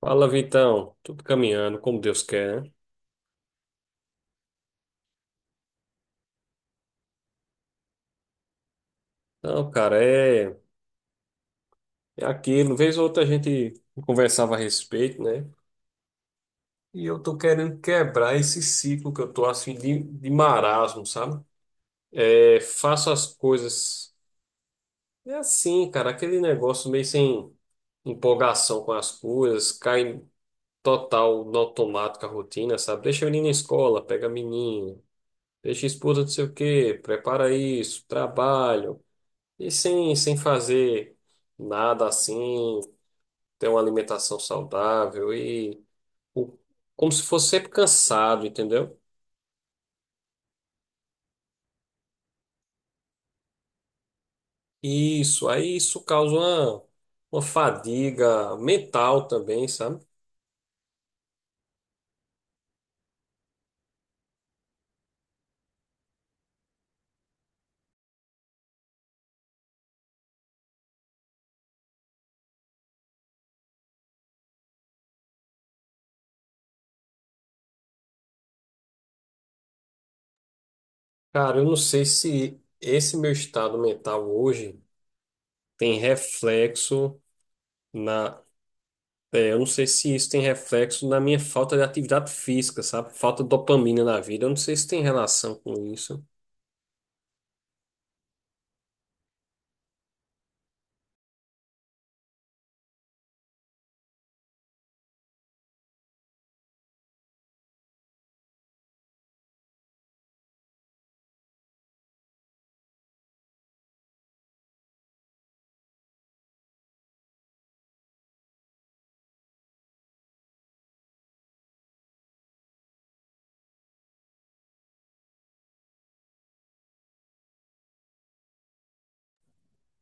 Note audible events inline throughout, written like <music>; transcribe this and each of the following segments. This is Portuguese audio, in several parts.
Fala, Vitão. Tudo caminhando, como Deus quer, né? Não, cara, é, é aquilo. Vez ou outra a gente conversava a respeito, né? E eu tô querendo quebrar esse ciclo que eu tô assim de marasmo, sabe? É, faço as coisas. É assim, cara, aquele negócio meio sem empolgação com as coisas, cai total no automático a rotina, sabe? Deixa o menino na escola, pega a menina, deixa a esposa não sei o quê, prepara isso, trabalho. E sem fazer nada assim, ter uma alimentação saudável e o- como se fosse sempre cansado, entendeu? Isso, aí isso causa uma fadiga mental também, sabe? Cara, eu não sei se esse meu estado mental hoje tem reflexo na. Eu não sei se isso tem reflexo na minha falta de atividade física, sabe? Falta de dopamina na vida. Eu não sei se tem relação com isso.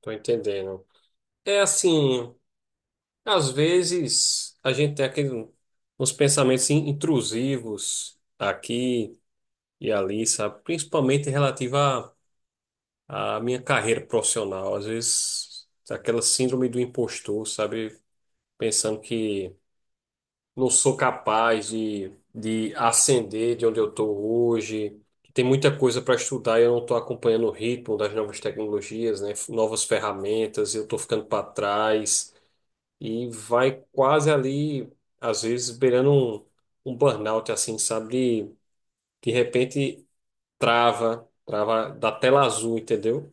Tô entendendo. É assim. Às vezes a gente tem aquele, uns pensamentos intrusivos aqui e ali, sabe? Principalmente relativo à minha carreira profissional. Às vezes aquela síndrome do impostor, sabe? Pensando que não sou capaz de ascender de onde eu estou hoje, que tem muita coisa para estudar e eu não estou acompanhando o ritmo das novas tecnologias, né? Novas ferramentas, eu estou ficando para trás e vai quase ali, às vezes, beirando um burnout, assim, sabe? De repente trava da tela azul, entendeu?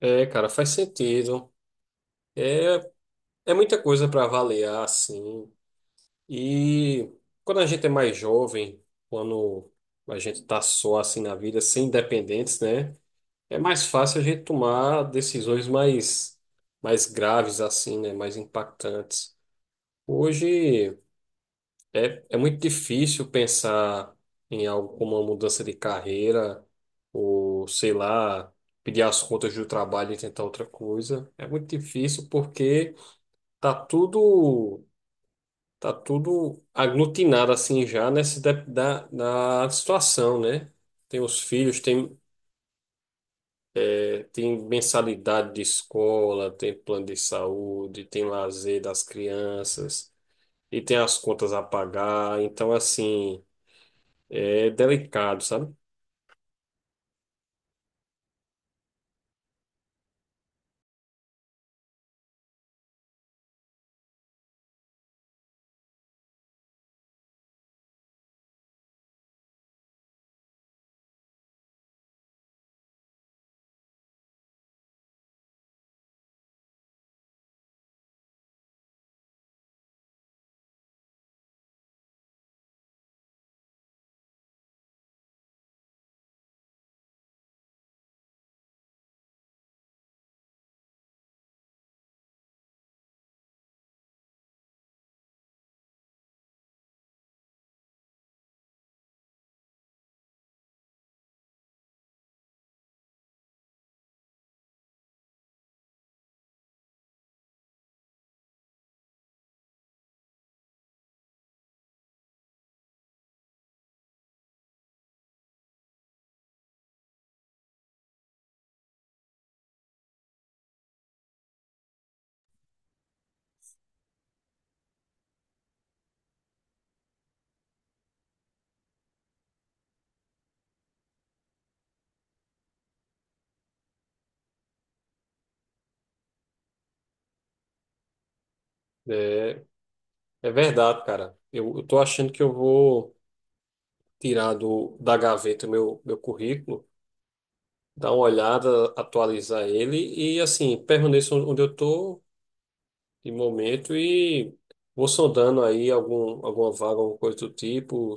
É, cara, faz sentido. É, é muita coisa para avaliar, assim. E quando a gente é mais jovem, quando a gente tá só assim na vida, sem dependentes, né? É mais fácil a gente tomar decisões mais graves, assim, né? Mais impactantes. Hoje. É, é muito difícil pensar em algo como uma mudança de carreira, ou sei lá, pedir as contas do trabalho e tentar outra coisa. É muito difícil porque tá tudo, tá tudo aglutinado assim já nessa da situação, né? Tem os filhos, tem, tem mensalidade de escola, tem plano de saúde, tem lazer das crianças, e tem as contas a pagar. Então, assim, é delicado, sabe? É, é verdade, cara. Eu tô achando que eu vou tirar da gaveta o meu currículo, dar uma olhada, atualizar ele e, assim, permaneço onde eu tô de momento e vou sondando aí algum, alguma vaga, alguma coisa do tipo,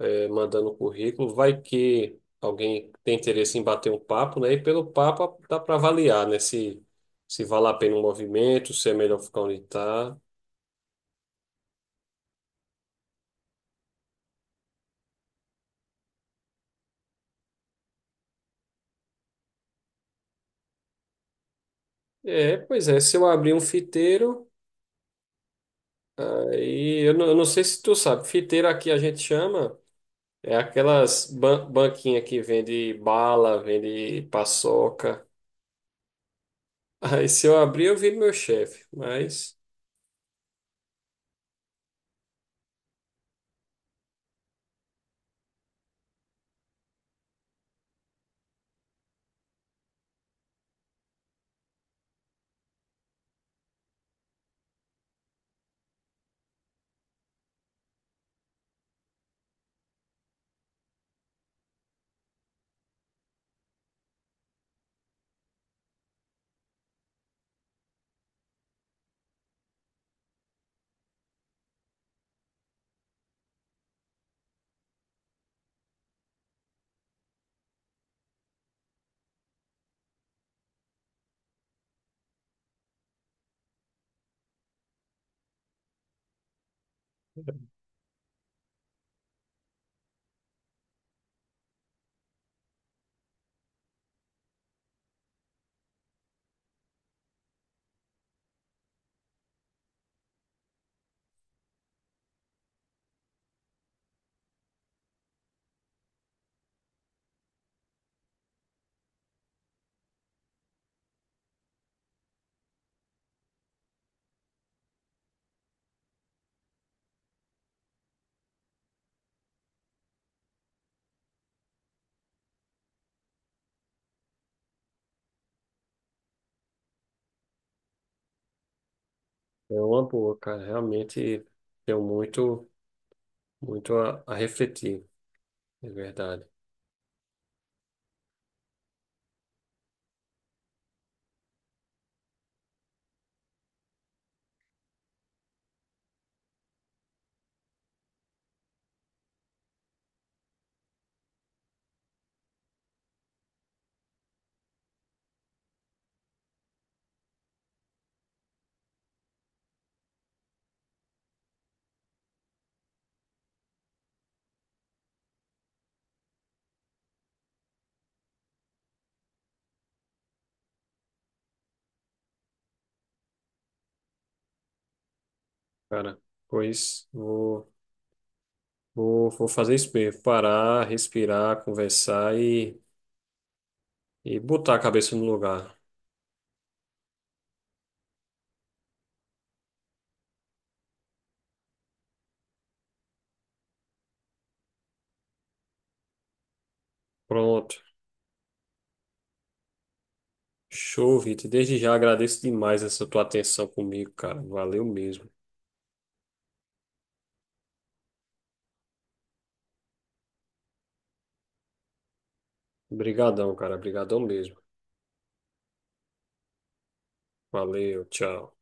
é, mandando o currículo. Vai que alguém tem interesse em bater um papo, né? E pelo papo dá para avaliar, né? Se vale a pena um movimento, se é melhor ficar onde tá. É, pois é, se eu abrir um fiteiro. Aí, eu não sei se tu sabe, fiteira aqui a gente chama, é aquelas banquinhas que vende bala, vende paçoca. <laughs> Aí se eu abrir, eu viro meu chefe, mas é uma boa, cara, realmente deu muito a refletir, é verdade. Cara, pois vou fazer isso mesmo, parar, respirar, conversar e botar a cabeça no lugar. Pronto. Show, Vitor. Desde já agradeço demais essa tua atenção comigo, cara. Valeu mesmo. Obrigadão, cara. Obrigadão mesmo. Valeu, tchau.